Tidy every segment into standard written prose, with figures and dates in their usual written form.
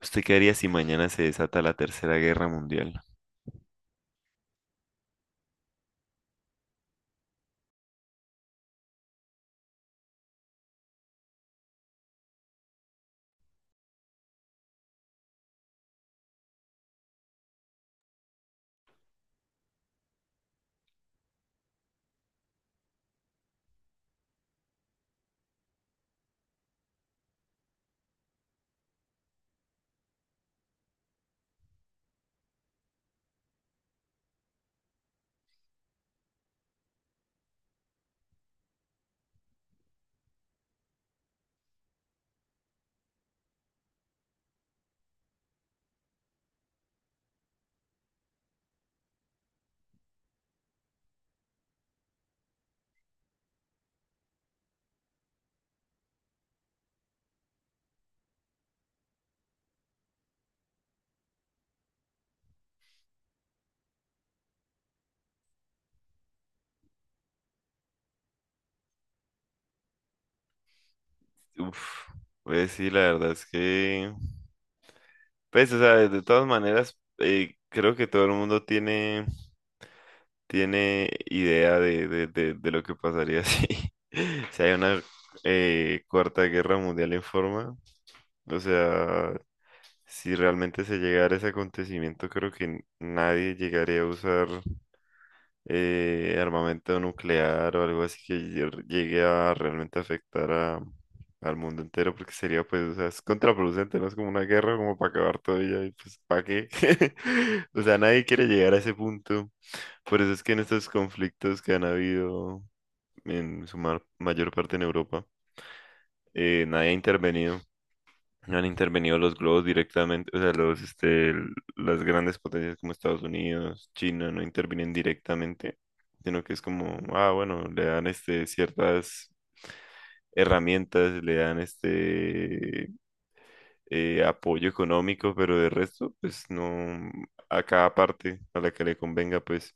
¿Usted qué haría si mañana se desata la Tercera Guerra Mundial? Uf, pues sí, la verdad es que, pues, o sea, de todas maneras, creo que todo el mundo tiene idea de lo que pasaría si, si hay una Cuarta Guerra Mundial en forma. O sea, si realmente se llegara ese acontecimiento, creo que nadie llegaría a usar armamento nuclear o algo así que llegue a realmente afectar al mundo entero, porque sería pues, o sea, es contraproducente, ¿no? Es como una guerra como para acabar todo y ya, y pues, ¿para qué? O sea, nadie quiere llegar a ese punto. Por eso es que en estos conflictos que han habido en su mayor parte en Europa, nadie ha intervenido. No han intervenido los globos directamente, o sea, los, este, las grandes potencias como Estados Unidos, China, no intervienen directamente, sino que es como, ah, bueno, le dan este, ciertas herramientas, le dan este apoyo económico, pero de resto, pues no, a cada parte a la que le convenga, pues.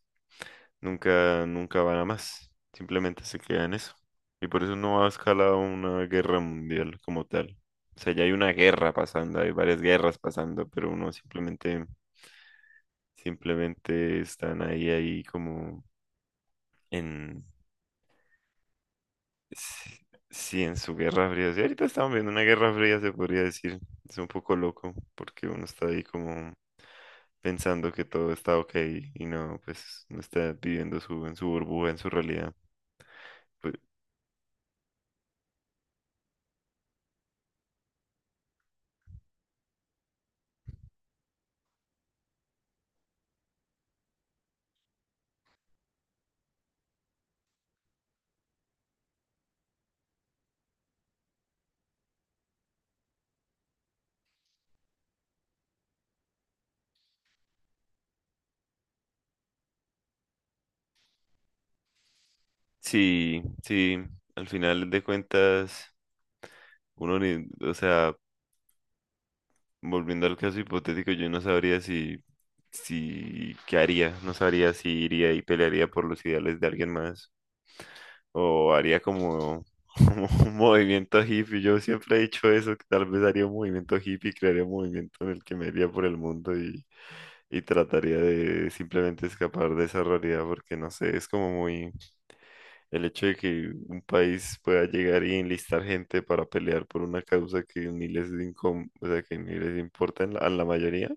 Nunca, nunca van a más. Simplemente se queda en eso. Y por eso no ha escalado una guerra mundial como tal. O sea, ya hay una guerra pasando, hay varias guerras pasando, pero uno simplemente están ahí, como en, sí, sí, en su guerra fría. Sí, ahorita estamos viendo una guerra fría, se podría decir. Es un poco loco, porque uno está ahí como pensando que todo está ok y no, pues no está viviendo su, en su burbuja, en su realidad. Pues, sí, sí, al final de cuentas, uno ni, o sea, volviendo al caso hipotético, yo no sabría si, qué haría, no sabría si iría y pelearía por los ideales de alguien más, o haría como, como un movimiento hippie. Yo siempre he dicho eso, que tal vez haría un movimiento hippie, crearía un movimiento en el que me iría por el mundo y trataría de simplemente escapar de esa realidad, porque no sé, es como muy... El hecho de que un país pueda llegar y enlistar gente para pelear por una causa que ni les, o sea, que ni les importa en a la mayoría,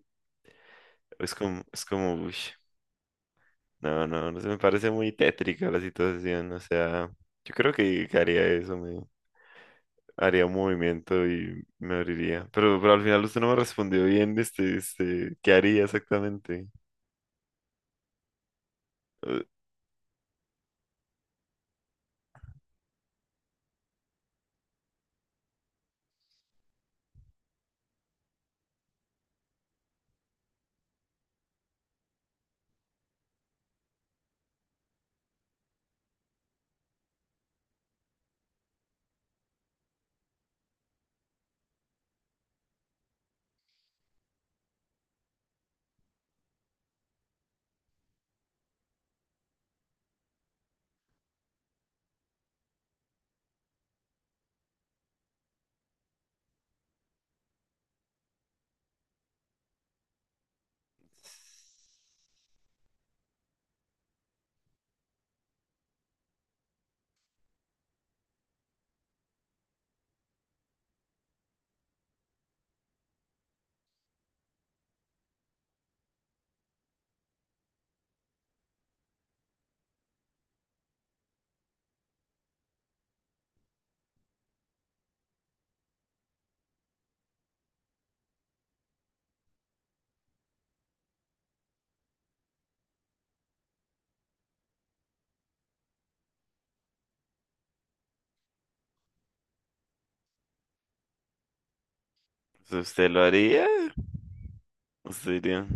es como, uy, no, no, no se me parece muy tétrica la situación. O sea, yo creo que, haría eso, me haría un movimiento y me abriría. Pero al final usted no me respondió bien, este, ¿qué haría exactamente? Eh, ¿Usted lo haría? ¿Usted diría?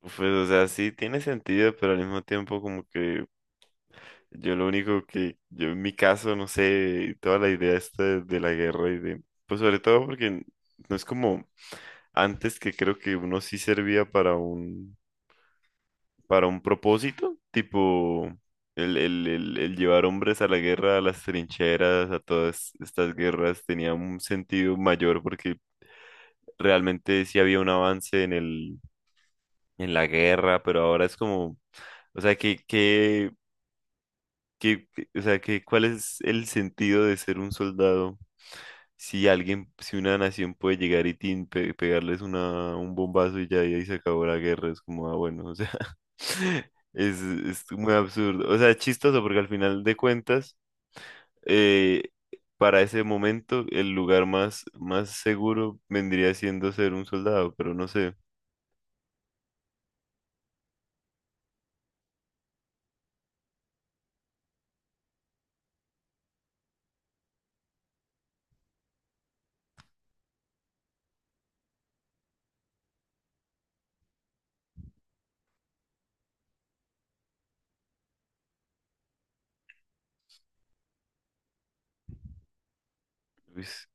Pues, o sea, sí tiene sentido, pero al mismo tiempo como que yo lo único que, yo en mi caso, no sé, toda la idea esta de, la guerra y de, pues sobre todo porque no es como antes, que creo que uno sí servía para un, propósito, tipo el llevar hombres a la guerra, a las trincheras, a todas estas guerras, tenía un sentido mayor porque realmente sí había un avance en la guerra, pero ahora es como, o sea, que... ¿ Cuál es el sentido de ser un soldado si si una nación puede llegar y tin, pegarles un bombazo, y ya y ahí se acabó la guerra? Es como, ah, bueno, o sea, es muy absurdo. O sea, es chistoso porque al final de cuentas, eh, para ese momento, el lugar más, más seguro vendría siendo ser un soldado, pero no sé. Luis,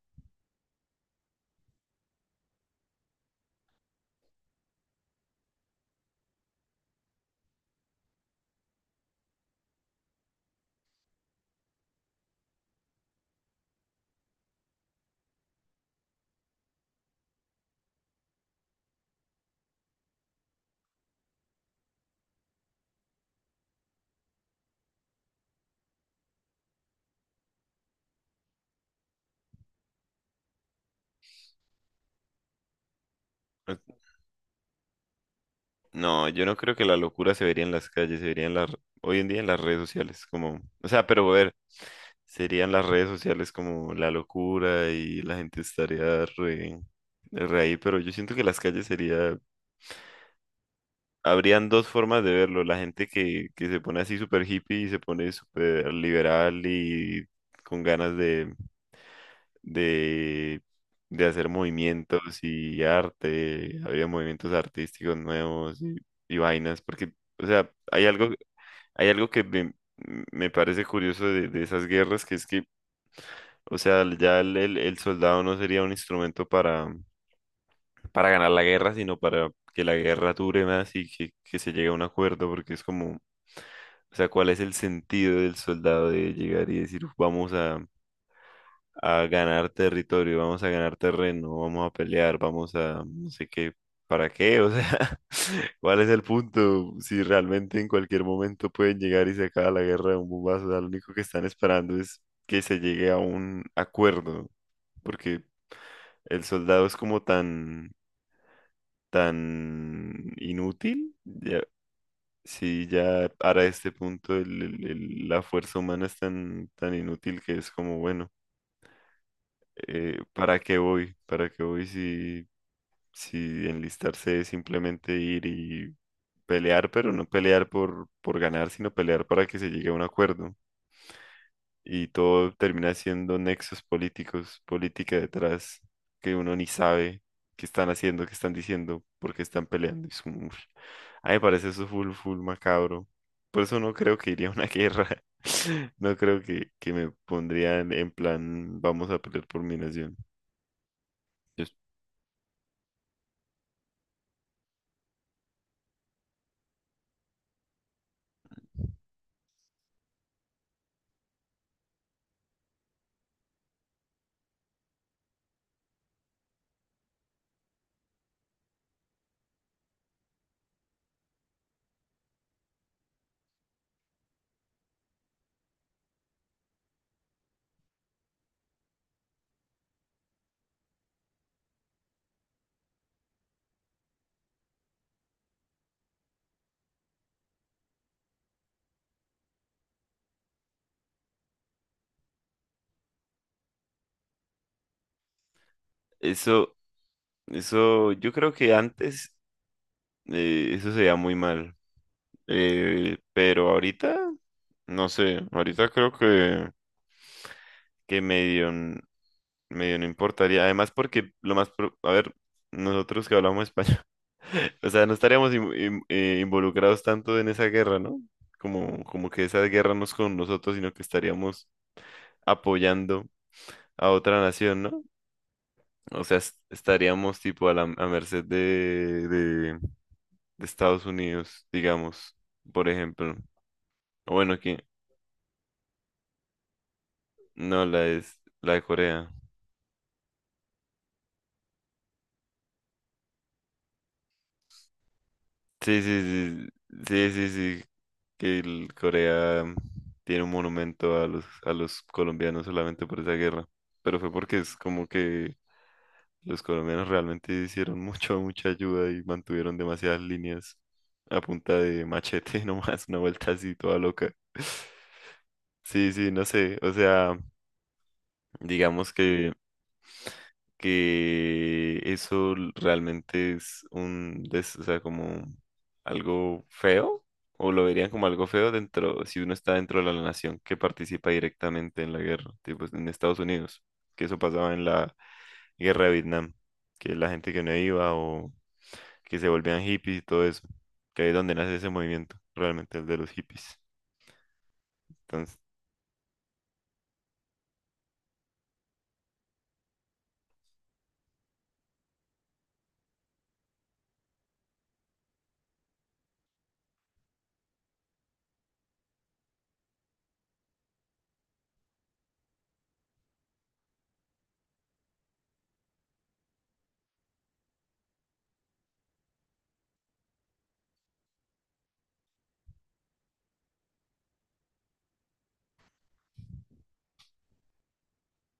no, yo no creo que la locura se vería en las calles, se vería en hoy en día en las redes sociales, como, o sea, pero a ver, serían las redes sociales como la locura y la gente estaría re ahí, pero yo siento que las calles habrían dos formas de verlo: la gente que se pone así súper hippie y se pone súper liberal y con ganas de de, de hacer movimientos y arte, había movimientos artísticos nuevos y vainas, porque, o sea, hay algo que me parece curioso de esas guerras. Que es que, o sea, ya el soldado no sería un instrumento para, ganar la guerra, sino para que la guerra dure más y que se llegue a un acuerdo, porque es como... O sea, ¿cuál es el sentido del soldado de llegar y decir, vamos a ganar territorio, vamos a ganar terreno, vamos a pelear, vamos a no sé qué, ¿para qué? O sea, ¿cuál es el punto? Si realmente en cualquier momento pueden llegar y se acaba la guerra de un bombazo, o sea, lo único que están esperando es que se llegue a un acuerdo, porque el soldado es como tan, tan inútil, ya, si ya para este punto la fuerza humana es tan, tan inútil que es como, bueno. ¿Para qué voy? ¿Para qué voy si, si enlistarse es simplemente ir y pelear, pero no pelear por, ganar, sino pelear para que se llegue a un acuerdo? Y todo termina siendo nexos políticos, política detrás, que uno ni sabe qué están haciendo, qué están diciendo, por qué están peleando. Y es uf. A mí me parece eso full, full macabro. Por eso no creo que iría a una guerra. No creo que, me pondrían en plan, vamos a pelear por mi nación. Eso, eso, yo creo que antes eso se veía muy mal, pero ahorita, no sé, ahorita creo que, medio, medio no importaría, además porque a ver, nosotros que hablamos español, o sea, no estaríamos involucrados tanto en esa guerra, ¿no? Como que esa guerra no es con nosotros, sino que estaríamos apoyando a otra nación, ¿no? O sea, estaríamos tipo a la a merced de Estados Unidos, digamos, por ejemplo. O bueno, que no, la es la de Corea. Sí, sí, sí, sí, sí, sí, que el Corea tiene un monumento a los, colombianos solamente por esa guerra. Pero fue porque es como que los colombianos realmente hicieron mucha ayuda y mantuvieron demasiadas líneas a punta de machete nomás, una vuelta así toda loca. Sí, sí, no sé, o sea, digamos que eso realmente es o sea, como algo feo, o lo verían como algo feo dentro, si uno está dentro de la nación que participa directamente en la guerra, tipo en Estados Unidos, que eso pasaba en la guerra de Vietnam, que la gente que no iba o que se volvían hippies y todo eso, que ahí es donde nace ese movimiento, realmente el de los hippies. Entonces,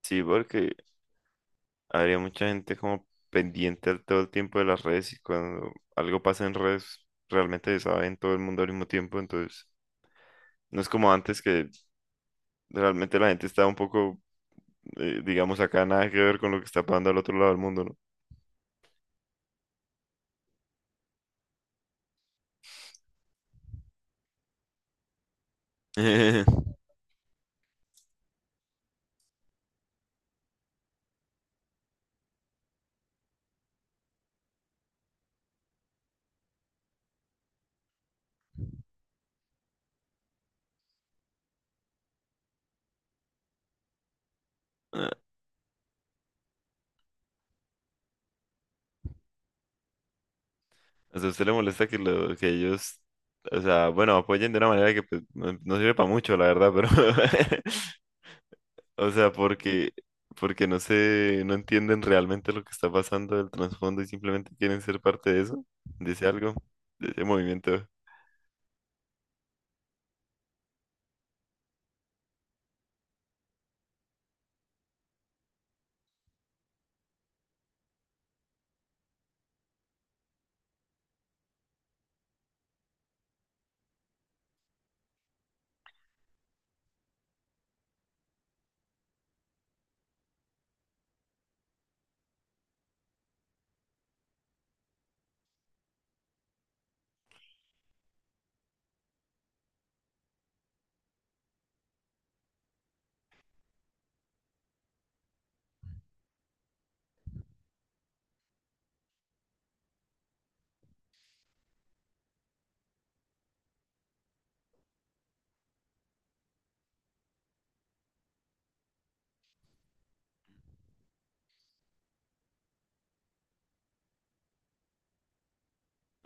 sí, porque habría mucha gente como pendiente todo el tiempo de las redes, y cuando algo pasa en redes realmente se sabe en todo el mundo al mismo tiempo, entonces no es como antes, que realmente la gente está un poco, digamos acá, nada que ver con lo que está pasando al otro lado del mundo, ¿no? Ah, o sea, ¿a usted le molesta que, lo, que ellos, o sea, bueno, apoyen de una manera que pues, no sirve para mucho, la verdad, pero o sea, porque no sé, no entienden realmente lo que está pasando del trasfondo y simplemente quieren ser parte de eso, de ese algo, de ese movimiento.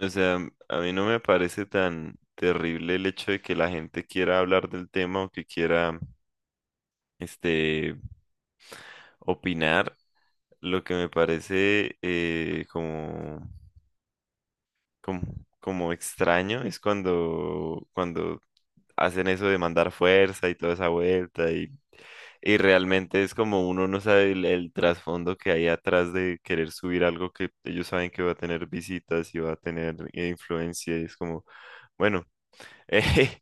O sea, a mí no me parece tan terrible el hecho de que la gente quiera hablar del tema o que quiera, este, opinar. Lo que me parece como, como, extraño es cuando, hacen eso de mandar fuerza y toda esa vuelta. Y realmente es como uno no sabe el trasfondo que hay atrás de querer subir algo que ellos saben que va a tener visitas y va a tener influencia. Y es como, bueno, eh,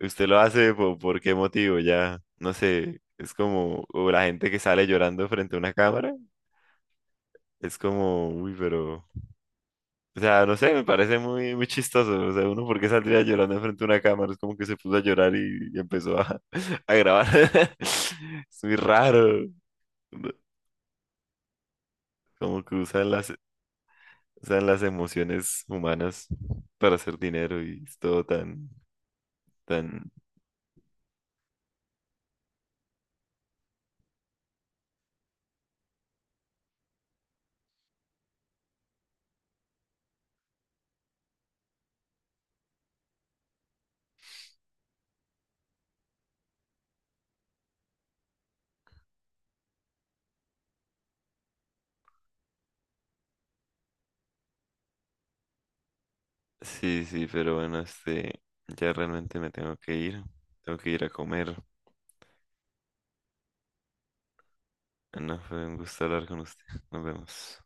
usted lo hace por qué motivo, ya no sé. Es como o la gente que sale llorando frente a una cámara. Es como, uy, pero, o sea, no sé, me parece muy, muy chistoso. O sea, uno, ¿por qué saldría llorando frente a una cámara? Es como que se puso a llorar y empezó a, a grabar. Es muy raro. Como que usan usan las emociones humanas para hacer dinero y es todo tan, tan... Sí, sí, pero bueno, este, ya realmente me tengo que ir. Tengo que ir a comer. No, fue un gusto hablar con usted. Nos vemos.